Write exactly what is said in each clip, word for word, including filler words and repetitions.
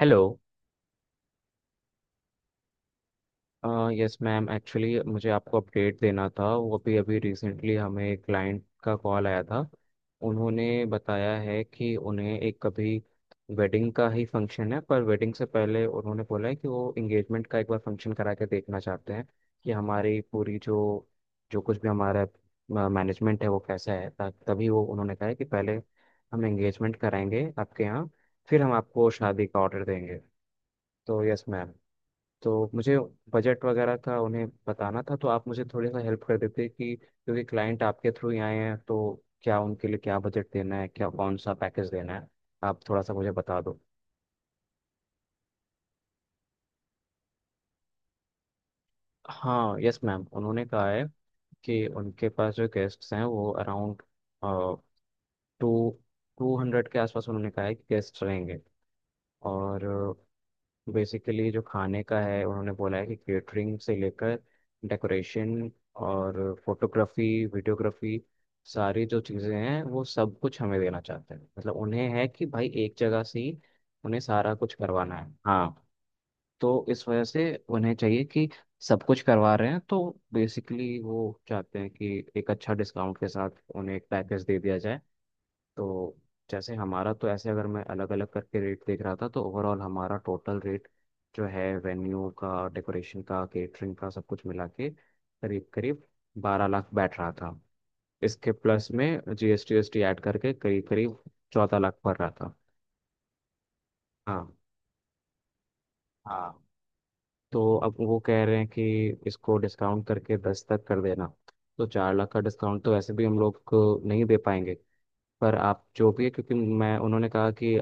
Hello. Yes ma'am. Actually मुझे आपको update देना था। वो अभी अभी रिसेंटली हमें क्लाइंट का कॉल आया था। उन्होंने बताया है कि उन्हें एक अभी वेडिंग का ही फंक्शन है, पर वेडिंग से पहले उन्होंने बोला है कि वो इंगेजमेंट का एक बार फंक्शन करा के देखना चाहते हैं कि हमारी पूरी जो जो कुछ भी हमारा मैनेजमेंट है वो कैसा है। ता- तभी वो उन्होंने कहा है कि पहले हम एंगेजमेंट कराएंगे आपके यहाँ, फिर हम आपको शादी का ऑर्डर देंगे। तो यस मैम, तो मुझे बजट वगैरह का उन्हें बताना था। तो आप मुझे थोड़ी सा हेल्प कर देते कि, क्योंकि क्लाइंट आपके थ्रू ही आए हैं। तो क्या उनके लिए क्या बजट देना है, क्या कौन सा पैकेज देना है, आप थोड़ा सा मुझे बता दो। हाँ यस मैम, उन्होंने कहा है कि उनके पास जो गेस्ट्स हैं वो अराउंड टू टू हंड्रेड के आसपास उन्होंने कहा है कि गेस्ट रहेंगे। और बेसिकली जो खाने का है उन्होंने बोला है कि केटरिंग से लेकर डेकोरेशन और फोटोग्राफी वीडियोग्राफी सारी जो चीज़ें हैं वो सब कुछ हमें देना चाहते हैं। मतलब उन्हें है कि भाई एक जगह से ही उन्हें सारा कुछ करवाना है। हाँ, तो इस वजह से उन्हें चाहिए कि सब कुछ करवा रहे हैं, तो बेसिकली वो चाहते हैं कि एक अच्छा डिस्काउंट के साथ उन्हें एक पैकेज दे दिया जाए। तो जैसे हमारा तो ऐसे अगर मैं अलग अलग करके रेट देख रहा था तो ओवरऑल हमारा टोटल रेट जो है वेन्यू का डेकोरेशन का केटरिंग का सब कुछ मिला के करीब करीब बारह लाख बैठ रहा था। इसके प्लस में G S T V S T add करके करीब करीब चौदह लाख पड़ रहा था। हाँ हाँ। तो अब वो कह रहे हैं कि इसको डिस्काउंट करके दस तक कर देना। तो चार लाख का डिस्काउंट तो वैसे भी हम लोग को नहीं दे पाएंगे। पर आप जो भी है, क्योंकि मैं उन्होंने कहा कि,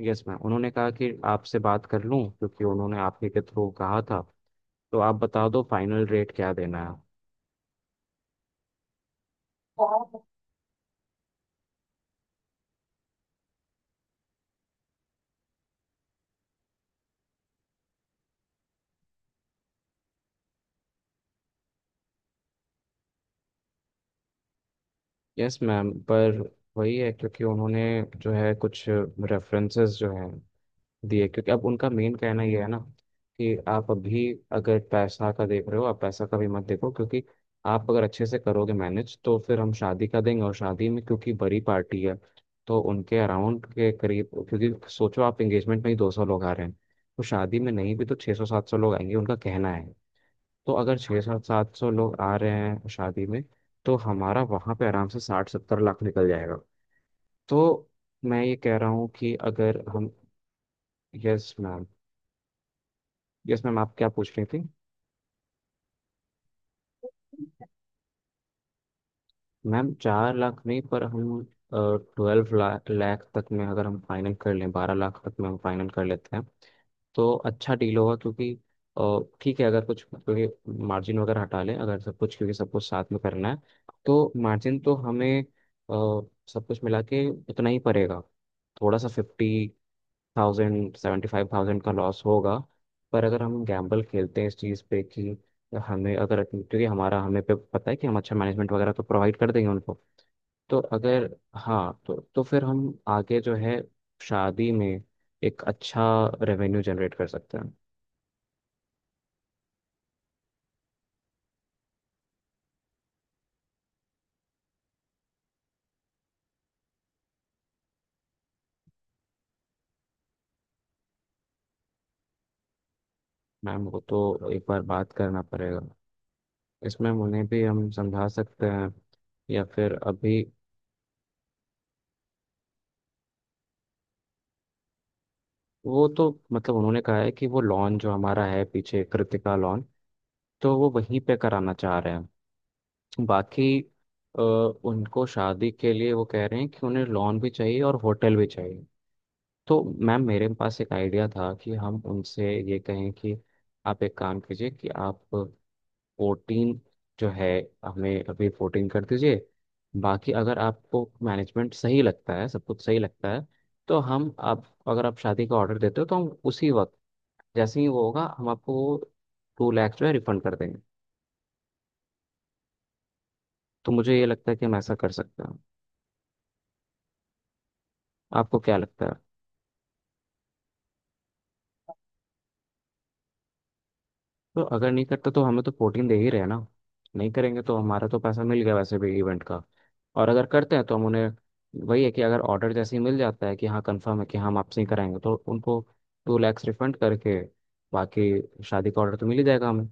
यस मैम, उन्होंने कहा कि आपसे बात कर लूं क्योंकि उन्होंने आप ही के थ्रू कहा था। तो आप बता दो फाइनल रेट क्या देना है। यस मैम, पर वही है क्योंकि उन्होंने जो है कुछ रेफरेंसेस जो हैं दिए, क्योंकि अब उनका मेन कहना ये है ना कि आप अभी अगर पैसा का देख रहे हो, आप पैसा का भी मत देखो, क्योंकि आप अगर अच्छे से करोगे मैनेज तो फिर हम शादी का देंगे। और शादी में क्योंकि बड़ी पार्टी है, तो उनके अराउंड के करीब, क्योंकि सोचो आप एंगेजमेंट में ही दो सौ लोग आ रहे हैं, तो शादी में नहीं भी तो छः सौ सात सौ लोग आएंगे, उनका कहना है। तो अगर छः सौ सात सौ लोग आ रहे हैं शादी में तो हमारा वहाँ पे आराम से साठ सत्तर लाख निकल जाएगा। तो मैं ये कह रहा हूँ कि अगर हम, यस मैम, यस मैम, आप क्या पूछ रही थी। मैम चार लाख नहीं, पर हम ट्वेल्व लाख लाख तक में अगर हम फाइनल कर लें, बारह लाख तक में हम फाइनल कर लेते हैं तो अच्छा डील होगा। क्योंकि अ, ठीक है अगर कुछ, क्योंकि मार्जिन वगैरह हटा लें अगर, सब कुछ क्योंकि सब कुछ साथ में करना है, तो मार्जिन तो हमें, अ, सब कुछ मिला के उतना ही पड़ेगा। थोड़ा सा fifty thousand seventy five thousand का लॉस होगा। पर अगर हम गैम्बल खेलते हैं इस चीज़ पे कि हमें अगर, क्योंकि हमारा हमें पे पता है कि हम अच्छा मैनेजमेंट वगैरह तो प्रोवाइड कर देंगे उनको, तो अगर, हाँ, तो तो फिर हम आगे जो है शादी में एक अच्छा रेवेन्यू जनरेट कर सकते हैं। मैम वो तो एक बार बात करना पड़ेगा। इसमें उन्हें भी हम समझा सकते हैं, या फिर अभी, वो तो मतलब उन्होंने कहा है कि वो लॉन जो हमारा है पीछे, कृतिका लॉन, तो वो वहीं पे कराना चाह रहे हैं। बाकी, अ, उनको शादी के लिए वो कह रहे हैं कि उन्हें लॉन भी चाहिए और होटल भी चाहिए। तो मैम मेरे पास एक आइडिया था कि हम उनसे ये कहें कि आप एक काम कीजिए कि आप फोर्टीन जो है, हमें अभी फोर्टीन कर दीजिए। बाकी अगर आपको मैनेजमेंट सही लगता है, सब कुछ सही लगता है, तो हम आप, अगर आप शादी का ऑर्डर देते हो तो हम उसी वक्त जैसे ही वो होगा हम आपको टू लैक्स जो है रिफंड कर देंगे। तो मुझे ये लगता है कि हम ऐसा कर सकते हैं, आपको क्या लगता है। तो अगर नहीं करता तो हमें तो फोर्टीन दे ही रहे हैं ना, नहीं करेंगे तो हमारा तो पैसा मिल गया वैसे भी इवेंट का। और अगर करते हैं तो हम उन्हें, वही है कि अगर ऑर्डर जैसे ही मिल जाता है कि हाँ कंफर्म है कि हाँ, हम आपसे ही कराएंगे, तो उनको टू लैक्स रिफंड करके बाकी शादी का ऑर्डर तो मिल ही जाएगा हमें।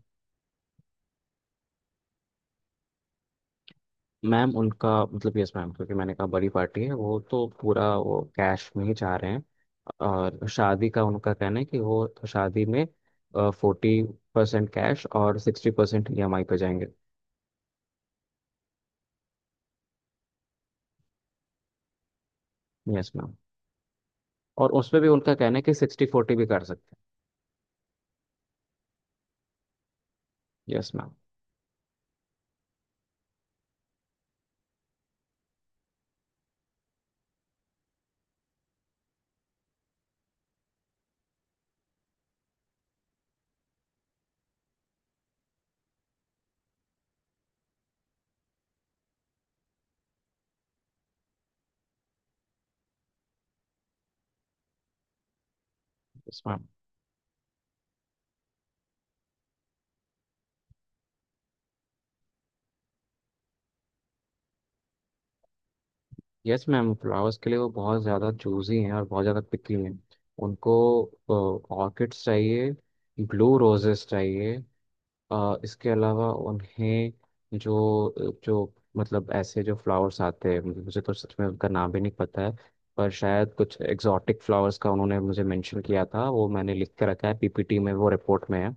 मैम उनका मतलब, यस मैम, क्योंकि मैंने कहा बड़ी पार्टी है, वो तो पूरा वो कैश में ही चाह रहे हैं। और शादी का उनका कहना है कि वो तो शादी में फोर्टी परसेंट कैश और sixty percent E M I पे जाएंगे। यस मैम, और उसमें भी उनका कहना है कि सिक्सटी फोर्टी भी कर सकते हैं। Yes ma'am. Yes ma'am. Yes ma'am, flowers के लिए वो बहुत ज़्यादा चूजी हैं और बहुत ज़्यादा पिकी हैं। उनको ऑर्किड्स चाहिए, ब्लू रोजेस चाहिए, अ, इसके अलावा उन्हें जो जो मतलब ऐसे जो फ्लावर्स आते हैं, मुझे तो सच में उनका नाम भी नहीं पता है। पर शायद कुछ एग्जॉटिक फ्लावर्स का उन्होंने मुझे मेंशन किया था, वो मैंने लिख के रखा है पी पी टी में, वो रिपोर्ट में है।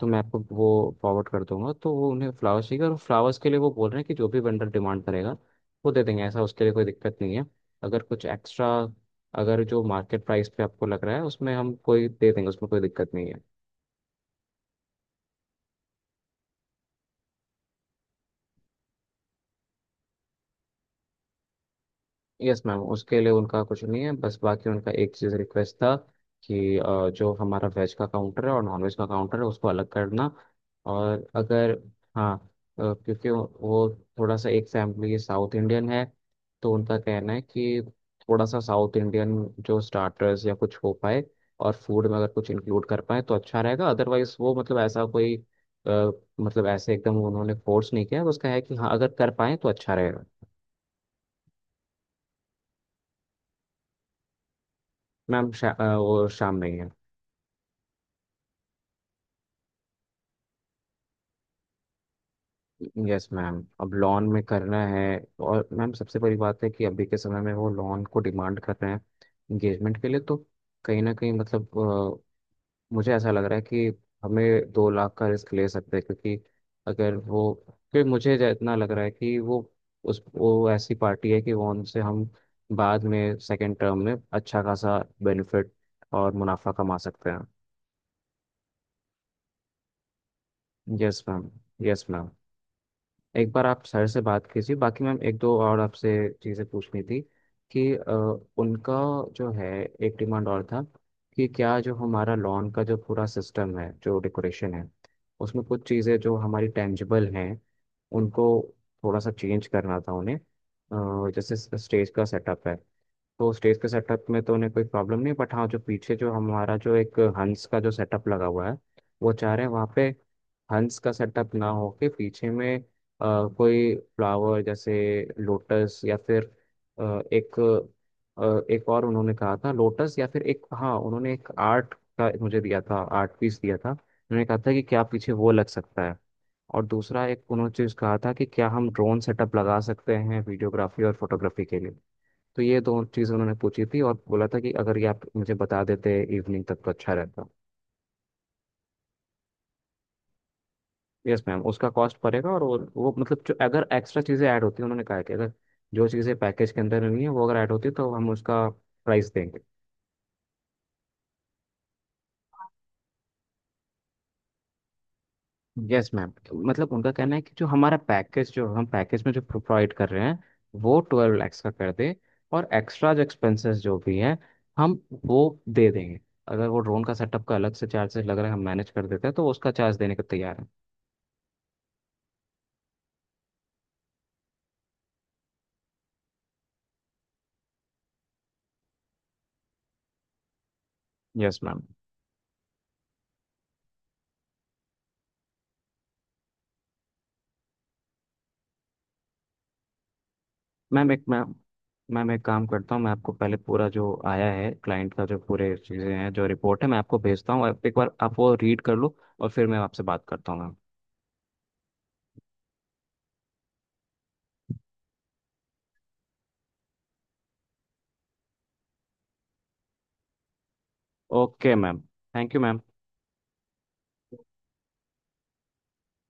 तो मैं आपको वो फॉरवर्ड कर दूंगा। तो वो, उन्हें फ्लावर्स चाहिए और फ्लावर्स के लिए वो बोल रहे हैं कि जो भी वेंडर डिमांड करेगा वो दे देंगे, ऐसा उसके लिए कोई दिक्कत नहीं है। अगर कुछ एक्स्ट्रा, अगर जो मार्केट प्राइस पे आपको लग रहा है, उसमें हम कोई दे देंगे उसमें कोई दिक्कत नहीं है। यस मैम, उसके लिए उनका कुछ नहीं है, बस बाकी उनका एक चीज़ रिक्वेस्ट था कि अ, जो हमारा वेज का काउंटर है और नॉन वेज का काउंटर है उसको अलग करना। और अगर, हाँ, अ, क्योंकि वो वो थोड़ा सा एक फैमिली साउथ इंडियन है, तो उनका कहना है कि थोड़ा सा साउथ इंडियन जो स्टार्टर्स या कुछ हो पाए और फूड में अगर कुछ इंक्लूड कर पाए तो अच्छा रहेगा। अदरवाइज वो मतलब ऐसा कोई, अ, मतलब ऐसे एकदम उन्होंने फोर्स नहीं किया, उसका है कि हाँ अगर कर पाए तो अच्छा रहेगा। मैम शा, अ, वो शाम में ही है। यस मैम, अब लॉन में करना है। और मैम सबसे बड़ी बात है कि अभी के समय में वो लॉन को डिमांड कर रहे हैं इंगेजमेंट के लिए, तो कहीं ना कहीं मतलब अ, मुझे ऐसा लग रहा है कि हमें दो लाख का रिस्क ले सकते हैं, क्योंकि अगर वो, क्योंकि मुझे ज- इतना लग रहा है कि वो, उस, वो ऐसी पार्टी है कि वो उनसे हम बाद में सेकेंड टर्म में अच्छा खासा बेनिफिट और मुनाफा कमा सकते हैं। Yes ma'am. यस मैम, एक बार आप सर से बात कीजिए, बाकी मैम एक दो और आपसे चीज़ें पूछनी थी कि अ, उनका जो है एक डिमांड और था कि, क्या जो हमारा लॉन का जो पूरा सिस्टम है, जो डेकोरेशन है, उसमें कुछ चीज़ें जो हमारी टेंजिबल हैं उनको थोड़ा सा चेंज करना था उन्हें। अ, जैसे स्टेज का सेटअप है, तो स्टेज के सेटअप में तो उन्हें कोई प्रॉब्लम नहीं, बट हाँ जो पीछे जो हमारा जो एक हंस का जो सेटअप लगा हुआ है, वो चाह रहे हैं वहाँ पे हंस का सेटअप ना हो के पीछे में अ, कोई फ्लावर जैसे लोटस या फिर, अ, एक, अ, एक और उन्होंने कहा था लोटस या फिर एक, हाँ, उन्होंने एक आर्ट का मुझे दिया था, आर्ट पीस दिया था, उन्होंने कहा था कि क्या पीछे वो लग सकता है। और दूसरा एक उन्होंने चीज़ कहा था कि क्या हम ड्रोन सेटअप लगा सकते हैं वीडियोग्राफी और फोटोग्राफी के लिए। तो ये दो चीज़ उन्होंने पूछी थी और बोला था कि अगर ये आप मुझे बता देते इवनिंग तक तो अच्छा रहता। यस मैम, उसका कॉस्ट पड़ेगा, और वो, वो मतलब जो अगर एक्स्ट्रा चीज़ें ऐड होती हैं, उन्होंने कहा है कि अगर जो चीज़ें पैकेज के अंदर नहीं है वो अगर ऐड होती है तो हम उसका प्राइस देंगे। यस मैम, मतलब उनका कहना है कि जो हमारा पैकेज, जो हम पैकेज में जो प्रोवाइड कर रहे हैं वो ट्वेल्व लैक्स का कर दे, और एक्स्ट्रा जो एक्सपेंसेस जो भी हैं हम वो दे देंगे। अगर वो ड्रोन का सेटअप का अलग से चार्जेस लग रहा है, हम मैनेज कर देते हैं तो उसका चार्ज देने को तैयार है। Yes ma'am. मैम एक मैम मैम एक काम करता हूँ, मैं आपको पहले पूरा जो आया है क्लाइंट का, जो पूरे चीज़ें हैं, जो रिपोर्ट है, मैं आपको भेजता हूँ। आप एक बार आप वो रीड कर लो और फिर मैं आपसे बात करता हूँ ma'am. Okay ma'am, thank you ma'am.